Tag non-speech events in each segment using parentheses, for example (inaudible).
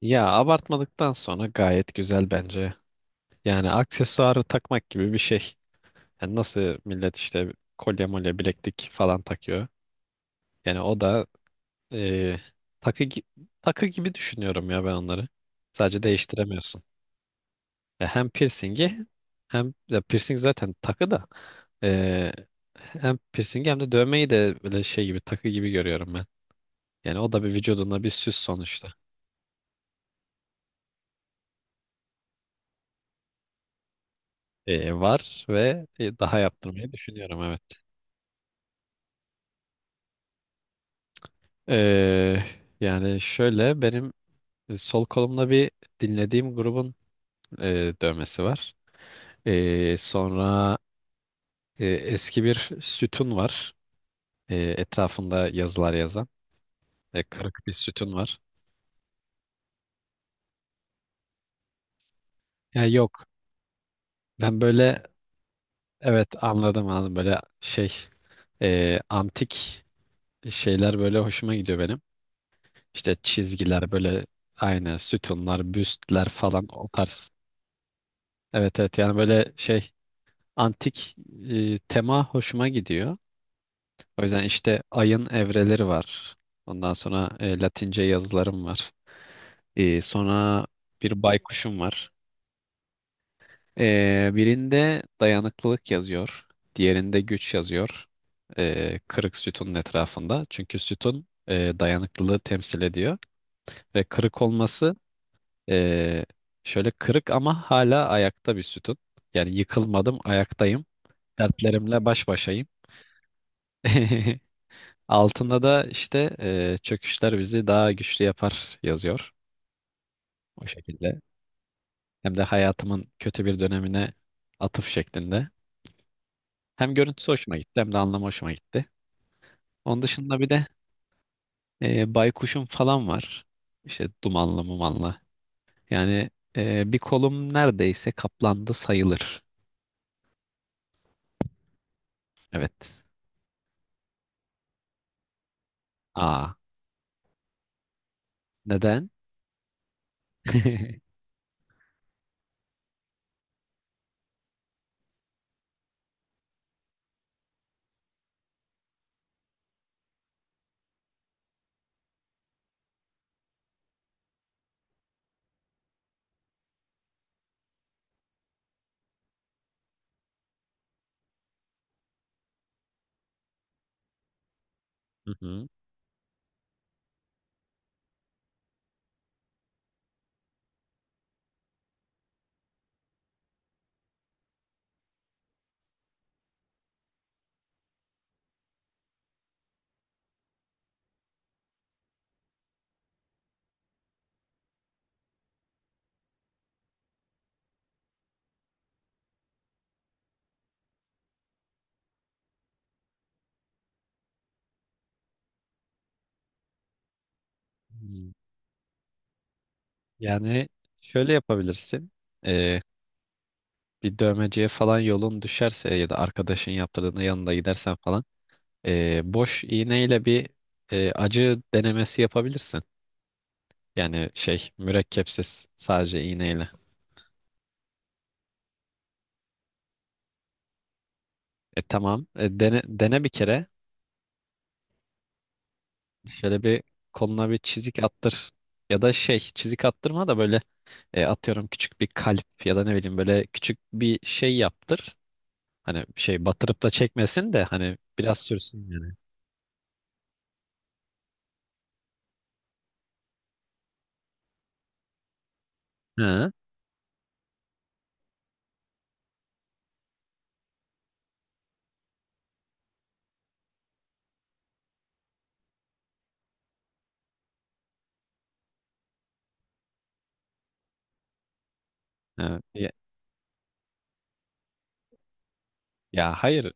Ya abartmadıktan sonra gayet güzel bence. Yani aksesuarı takmak gibi bir şey. Yani nasıl millet işte kolye molye bileklik falan takıyor. Yani o da e, takı gi- takı gibi düşünüyorum ya ben onları. Sadece değiştiremiyorsun. Ya hem piercingi hem ya piercing zaten takı da e, hem piercingi hem de dövmeyi de böyle şey gibi takı gibi görüyorum ben. Yani o da bir vücudunda bir süs sonuçta. Var ve daha yaptırmayı düşünüyorum, evet. Ee, Yani şöyle benim sol kolumda bir dinlediğim grubun dövmesi var. Sonra eski bir sütun var. Etrafında yazılar yazan. Kırık bir sütun var. Ya yok. Ben böyle evet, anladım. Böyle şey antik şeyler böyle hoşuma gidiyor benim. İşte çizgiler böyle aynı sütunlar, büstler falan o tarz. Evet, evet, yani böyle şey antik tema hoşuma gidiyor. O yüzden işte ayın evreleri var. Ondan sonra Latince yazılarım var. Sonra bir baykuşum var. Birinde dayanıklılık yazıyor. Diğerinde güç yazıyor. Kırık sütunun etrafında. Çünkü sütun dayanıklılığı temsil ediyor. Ve kırık olması e, şöyle kırık ama hala ayakta bir sütun. Yani yıkılmadım, ayaktayım. Dertlerimle baş başayım. (laughs) Altında da işte çöküşler bizi daha güçlü yapar yazıyor, o şekilde. Hem de hayatımın kötü bir dönemine atıf şeklinde. Hem görüntüsü hoşuma gitti hem de anlamı hoşuma gitti. Onun dışında bir de baykuşum falan var. İşte dumanlı mumanlı. Yani bir kolum neredeyse kaplandı sayılır. Evet. Aa, neden? (laughs) Hı hı. Hmm. Yani şöyle yapabilirsin. E, Bir dövmeciye falan yolun düşerse ya da arkadaşın yaptırdığında yanında gidersen falan boş iğneyle bir acı denemesi yapabilirsin. Yani şey mürekkepsiz sadece iğneyle. E tamam, dene, dene bir kere şöyle bir koluna bir çizik attır. Ya da şey çizik attırma da böyle atıyorum küçük bir kalp ya da ne bileyim böyle küçük bir şey yaptır. Hani şey batırıp da çekmesin de hani biraz sürsün yani. Hı. Hı. Ya, ya hayır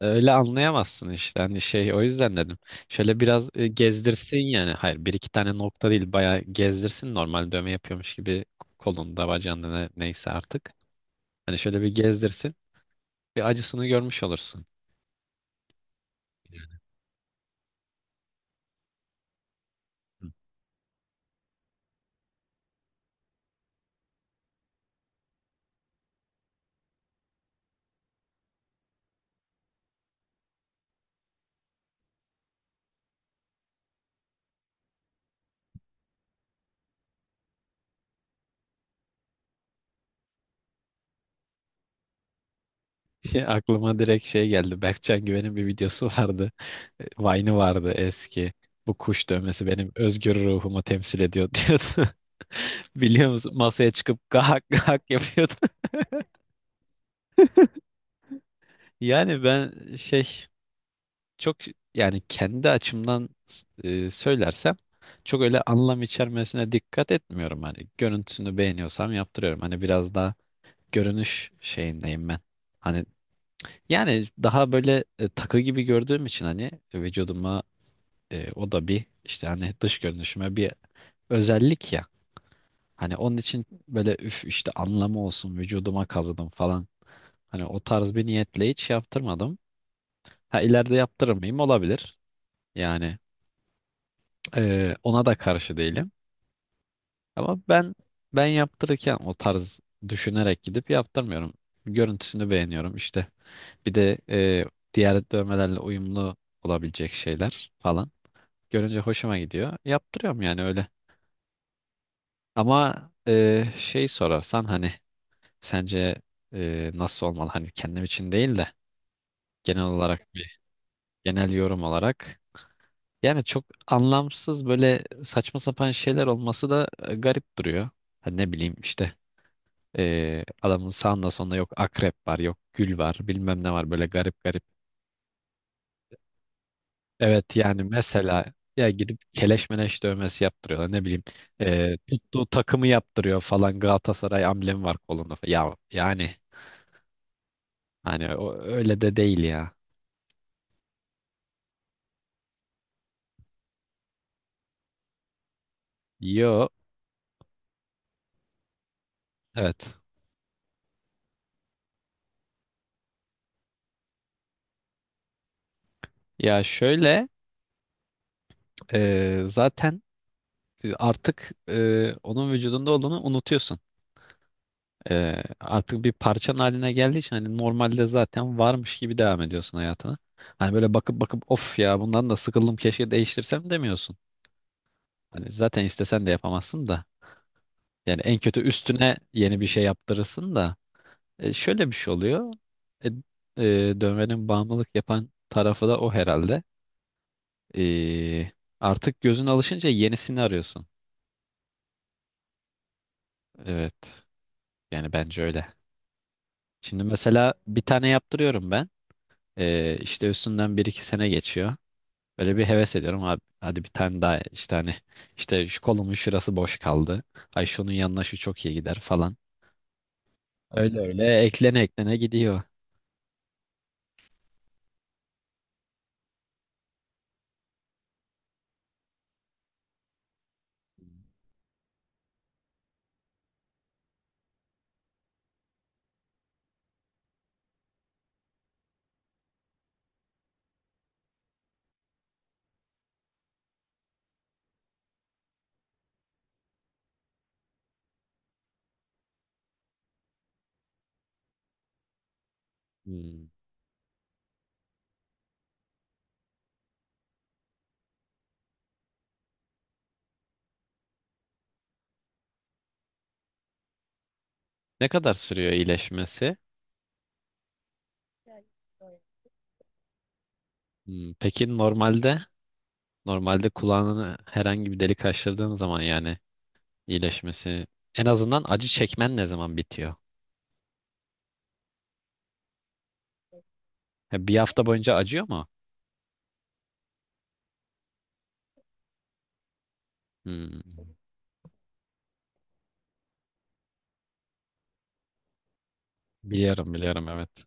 öyle anlayamazsın işte hani şey, o yüzden dedim. Şöyle biraz gezdirsin yani. Hayır, bir iki tane nokta değil, bayağı gezdirsin normal dövme yapıyormuş gibi kolunda bacağında neyse artık. Hani şöyle bir gezdirsin, bir acısını görmüş olursun. (laughs) Aklıma direkt şey geldi. Berkcan Güven'in bir videosu (laughs) vardı. Vine'ı vardı eski. Bu kuş dövmesi benim özgür ruhumu temsil ediyor (laughs) diyordu. Biliyor musun? Masaya çıkıp gahak gahak yapıyordu. (laughs) Yani ben şey çok yani kendi açımdan söylersem çok öyle anlam içermesine dikkat etmiyorum, hani görüntüsünü beğeniyorsam yaptırıyorum, hani biraz daha görünüş şeyindeyim ben, hani yani daha böyle takı gibi gördüğüm için hani vücuduma, o da bir işte hani dış görünüşüme bir özellik ya, hani onun için böyle üf işte anlamı olsun vücuduma kazıdım falan, hani o tarz bir niyetle hiç yaptırmadım. Ha, ileride yaptırır mıyım, olabilir yani. Ona da karşı değilim. Ama ben yaptırırken o tarz düşünerek gidip yaptırmıyorum. Görüntüsünü beğeniyorum işte. Bir de diğer dövmelerle uyumlu olabilecek şeyler falan. Görünce hoşuma gidiyor. Yaptırıyorum yani öyle. Ama şey sorarsan hani sence nasıl olmalı? Hani kendim için değil de genel olarak bir genel yorum olarak. Yani çok anlamsız böyle saçma sapan şeyler olması da garip duruyor. Hani ne bileyim işte adamın sağında sonunda yok akrep var, yok gül var, bilmem ne var, böyle garip garip. Evet, yani mesela ya gidip keleş meleş dövmesi yaptırıyorlar, ne bileyim tuttuğu takımı yaptırıyor falan, Galatasaray amblemi var kolunda falan. Ya yani hani o, öyle de değil ya. Yo, evet. Ya şöyle zaten artık onun vücudunda olduğunu unutuyorsun. Artık bir parçan haline geldiği için hani normalde zaten varmış gibi devam ediyorsun hayatına. Hani böyle bakıp bakıp of ya bundan da sıkıldım keşke değiştirsem demiyorsun. Hani zaten istesen de yapamazsın da. Yani en kötü üstüne yeni bir şey yaptırırsın da. Şöyle bir şey oluyor. E, Dövmenin bağımlılık yapan tarafı da o herhalde. E, Artık gözün alışınca yenisini arıyorsun. Evet. Yani bence öyle. Şimdi mesela bir tane yaptırıyorum ben. İşte üstünden bir iki sene geçiyor. Böyle bir heves ediyorum abi. Hadi bir tane daha işte hani işte şu kolumun şurası boş kaldı. Ay şunun yanına şu çok iyi gider falan. Öyle öyle eklene eklene gidiyor. Hmm. Ne kadar sürüyor iyileşmesi? Hmm. Peki normalde kulağını herhangi bir delik açtırdığın zaman yani iyileşmesi en azından acı çekmen ne zaman bitiyor? Ha, bir hafta boyunca acıyor mu? Hmm. Biliyorum, biliyorum, evet.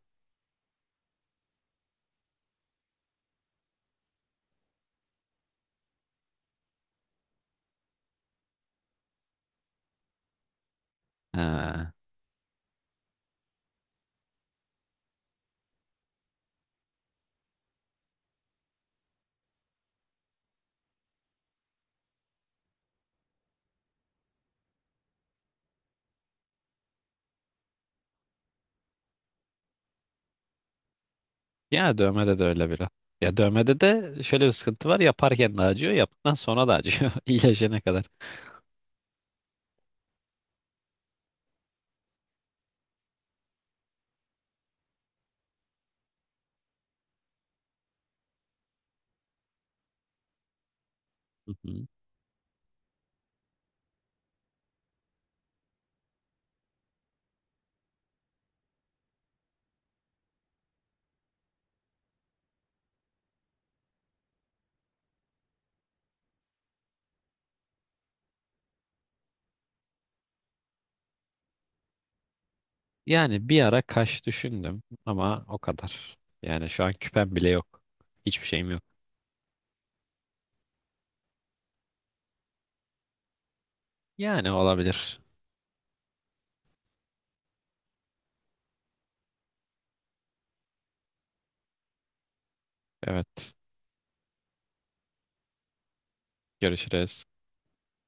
Ha. Yani dövmede de öyle biraz. Ya dövmede de şöyle bir sıkıntı var. Yaparken de acıyor, yaptıktan sonra da acıyor. (laughs) iyileşene kadar. Hı hı. Yani bir ara kaş düşündüm ama o kadar. Yani şu an küpem bile yok. Hiçbir şeyim yok. Yani olabilir. Evet. Görüşürüz.